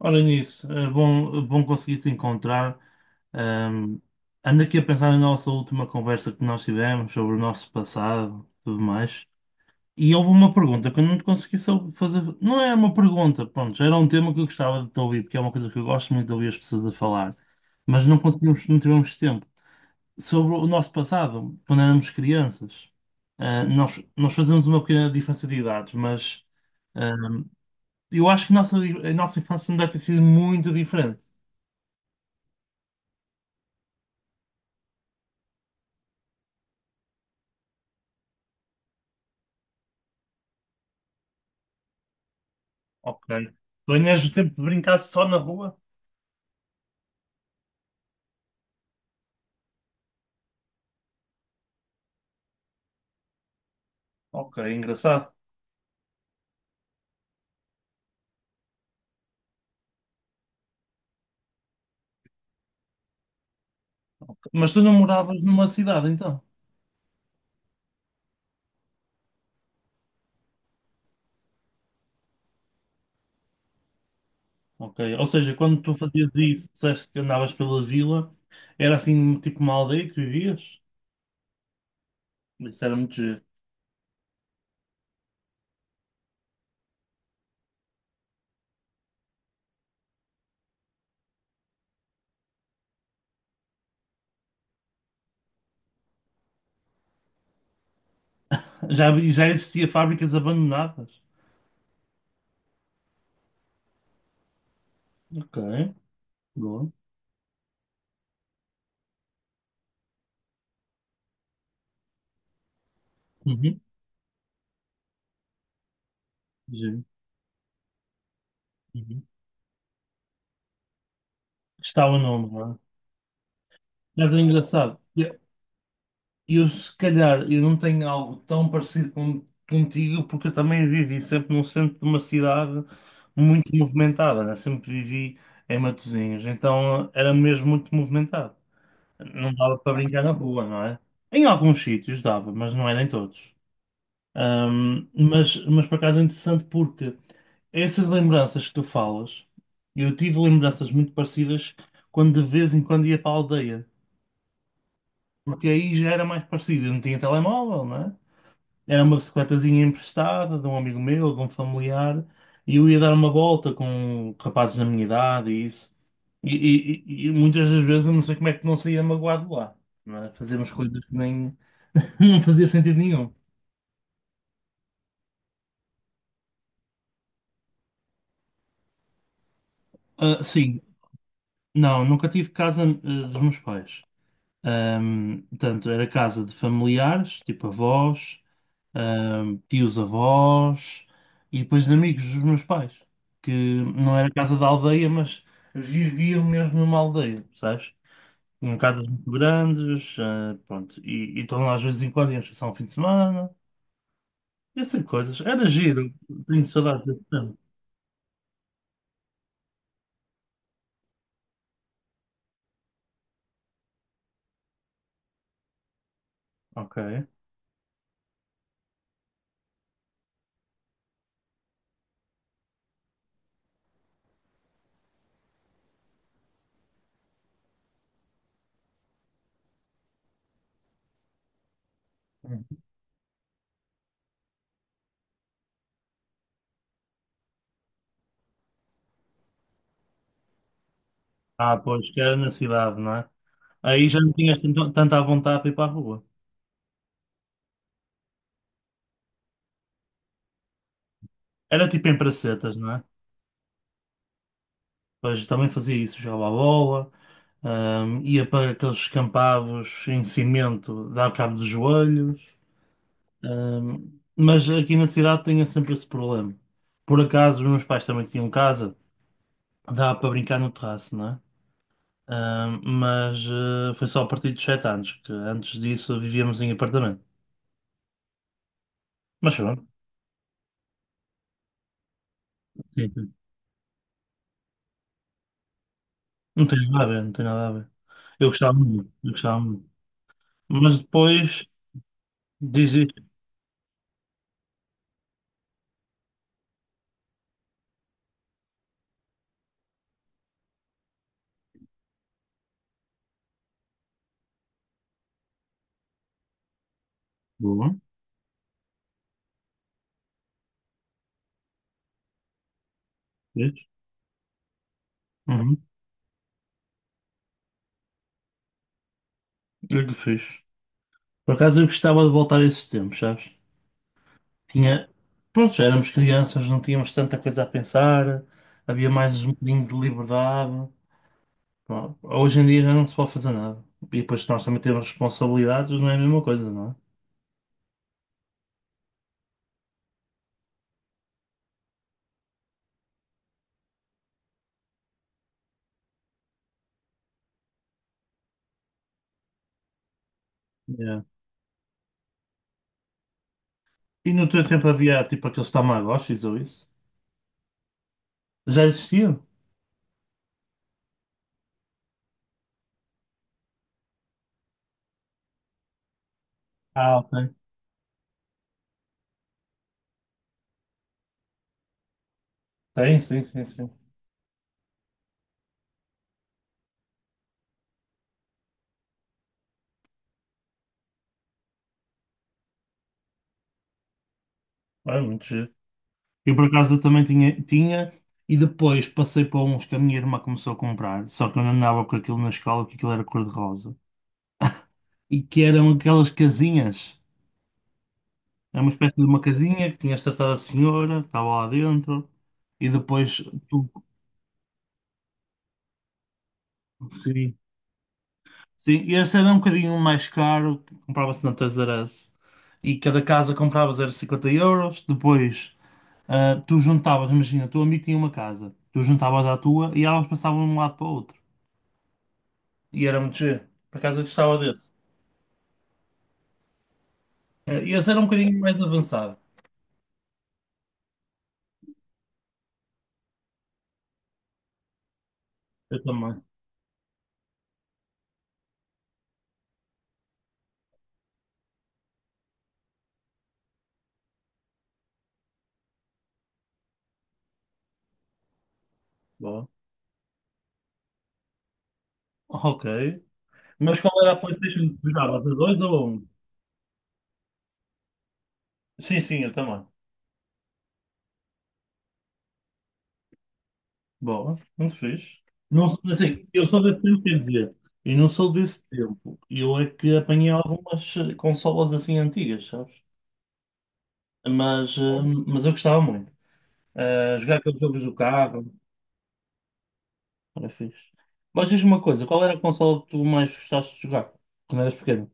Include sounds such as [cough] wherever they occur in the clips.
Ora nisso, é bom conseguir te encontrar. Ahm, ando aqui a pensar na nossa última conversa que nós tivemos sobre o nosso passado, tudo mais. E houve uma pergunta que eu não te consegui só fazer. Não era uma pergunta, pronto, já era um tema que eu gostava de te ouvir, porque é uma coisa que eu gosto muito de ouvir as pessoas a falar. Mas não conseguimos, não tivemos tempo. Sobre o nosso passado, quando éramos crianças, nós fazemos uma pequena diferença de idades, mas. Eu acho que a nossa infância não deve ter sido muito diferente. Ok. Tu ainda o tempo de brincar só na rua? Ok, engraçado. Ok. Mas tu não moravas numa cidade, então? Ok. Ou seja, quando tu fazias isso, disseste que andavas pela vila, era assim tipo uma aldeia que vivias? Isso era muito giro. Já, já existia fábricas abandonadas. Ok, boa. Uhum. Giro. Uhum. Está o nome, não é? Mas é engraçado. Eu, se calhar, eu não tenho algo tão parecido contigo, porque eu também vivi sempre no centro de uma cidade muito movimentada, né? Sempre vivi em Matosinhos, então era mesmo muito movimentado. Não dava para brincar na rua, não é? Em alguns sítios dava, mas não era em todos. Mas por acaso é interessante porque essas lembranças que tu falas, eu tive lembranças muito parecidas quando de vez em quando ia para a aldeia, porque aí já era mais parecido, eu não tinha telemóvel, né? Era uma bicicletazinha emprestada de um amigo meu, de um familiar, e eu ia dar uma volta com rapazes da minha idade e isso. E, e muitas das vezes eu não sei como é que não saía magoado de lá, não é? Fazíamos coisas que nem [laughs] não fazia sentido nenhum. Ah, sim, não, nunca tive casa, dos meus pais. Portanto, era casa de familiares, tipo avós, tios avós e depois de amigos dos meus pais, que não era casa da aldeia, mas viviam mesmo numa aldeia, sabes? Tinham casas muito grandes, pronto, e estão lá às vezes em quando, iam passar um fim de semana, essas coisas. Era giro, tenho saudades desse tempo. Ok. Ah, pois, que era na cidade, não é? Aí já não tinhas tanta à vontade para ir para a rua. Era tipo em pracetas, não é? Pois também fazia isso, jogava a bola, ia para aqueles campados em cimento, dava cabo dos joelhos. Mas aqui na cidade tinha sempre esse problema. Por acaso, os meus pais também tinham casa, dava para brincar no terraço, não é? Foi só a partir dos 7 anos, que antes disso vivíamos em apartamento. Mas pronto, sim, sim. Não tem nada a ver, não tem nada a ver. Eu gostava muito, eu gostava muito. Mas depois diz isto. Boa, fiz. Uhum. Eu que fiz. Por acaso eu gostava de voltar a esses tempos, sabes? Tinha. Pronto, já éramos crianças, não tínhamos tanta coisa a pensar, havia mais um bocadinho de liberdade. Pá, hoje em dia já não se pode fazer nada. E depois nós também temos responsabilidades, não é a mesma coisa, não é? Yeah. E no teu tempo havia tipo aqueles Tamagotchis ou isso? Já existiam? Ah, ok. Tem, sim, sim, sim. É muito giro. Eu por acaso eu também tinha, tinha, e depois passei para uns que a minha irmã começou a comprar, só que eu não andava com aquilo na escola, que aquilo era cor-de-rosa. E que eram aquelas casinhas. Era uma espécie de uma casinha que tinhas tratado a senhora, que estava lá dentro, e depois tu. Sim. Sim, e esse era um bocadinho mais caro, que comprava-se na Toys R Us. E cada casa compravas era 50 euros. Depois tu juntavas, imagina, o teu amigo tinha uma casa, tu juntavas à tua e elas passavam de um lado para o outro. E era muito giro. Por acaso eu gostava desse. Ah, e esse era um bocadinho mais avançado. Eu também. Boa. Ok. Mas qual era a PlayStation que jogava? A 2 ou a 1? Sim, sim, eu também. Boa, muito fixe. Não, assim, eu sou desse tempo, quer dizer, e não sou desse tempo. Eu é que apanhei algumas consolas assim antigas, sabes? Mas, eh, mas eu gostava muito. Jogar aqueles jogos do carro, era fixe. Mas diz-me uma coisa, qual era a consola que tu mais gostaste de jogar quando eras pequeno?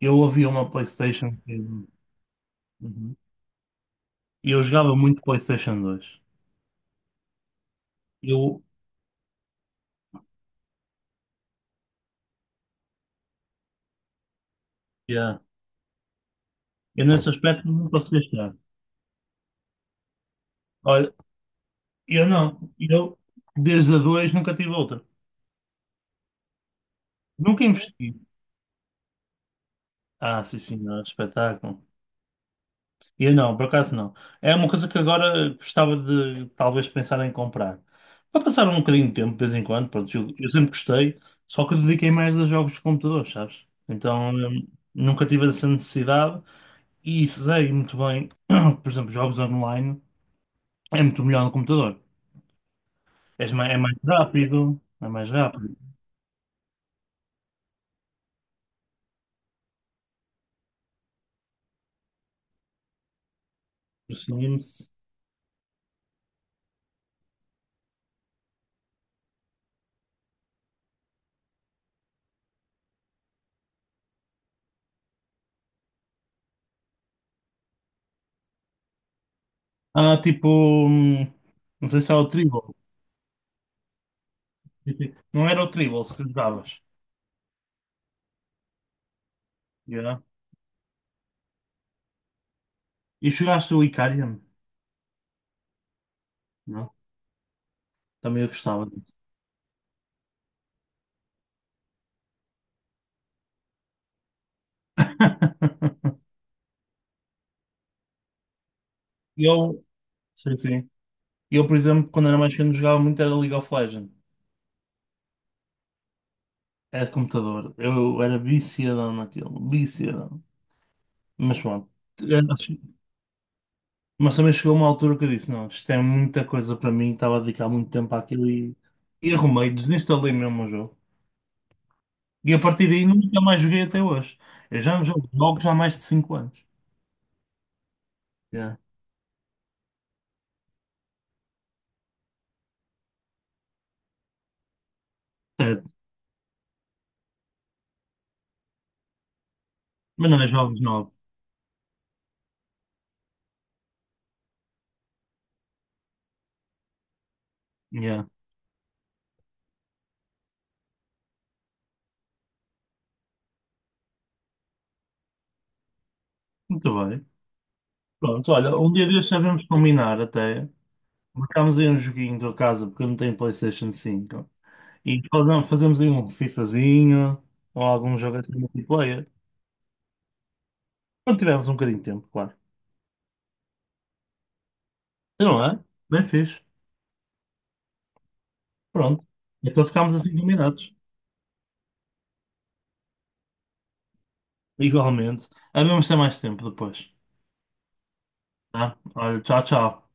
Eu havia uma PlayStation que... Uhum. E eu jogava muito PlayStation dois. Eu, yeah. Eu nesse aspecto não posso gastar. Eu não. Eu, desde a 2 nunca tive outra. Nunca investi. Ah, sim, senhor, espetáculo. Eu não, por acaso não. É uma coisa que agora gostava de talvez pensar em comprar. Para passar um bocadinho de tempo, de vez em quando, pronto, eu sempre gostei, só que eu dediquei mais a jogos de computador, sabes? Então, nunca tive essa necessidade e sei muito bem, [coughs] [clears throat] por exemplo, jogos online é muito melhor no computador. É mais rápido, é mais rápido. Assim, Ah, tipo, hum, não sei se é o Tribal. Não era o Tribal se que jogavas. Yeah. E jogaste o Icarian? Não? é? Também eu gostava. [laughs] Eu, sim, sim. Eu, por exemplo, quando era mais pequeno, jogava muito era League of Legends. Era de computador. Eu era viciadão naquilo. Viciadão. Mas pronto. É, mas também chegou uma altura que eu disse: não, isto é muita coisa para mim. Estava a dedicar muito tempo àquilo e arrumei, desinstalei mesmo o jogo. E a partir daí nunca mais joguei até hoje. Eu já não jogo jogos há mais de 5 anos. Yeah. Certo. Mas não é jogos novos. Yeah. Muito bem. Pronto, olha, um dia destes sabemos combinar até. Marcámos aí um joguinho da casa, porque eu não tenho PlayStation cinco. E fazemos, fazemos aí um FIFAzinho ou algum jogo assim multiplayer. Quando tivermos um bocadinho de tempo, claro. Não é? Bem fixe. Pronto. Então ficámos assim combinados. Igualmente. Havemos ter mais tempo depois. Tá? Olha, tchau, tchau.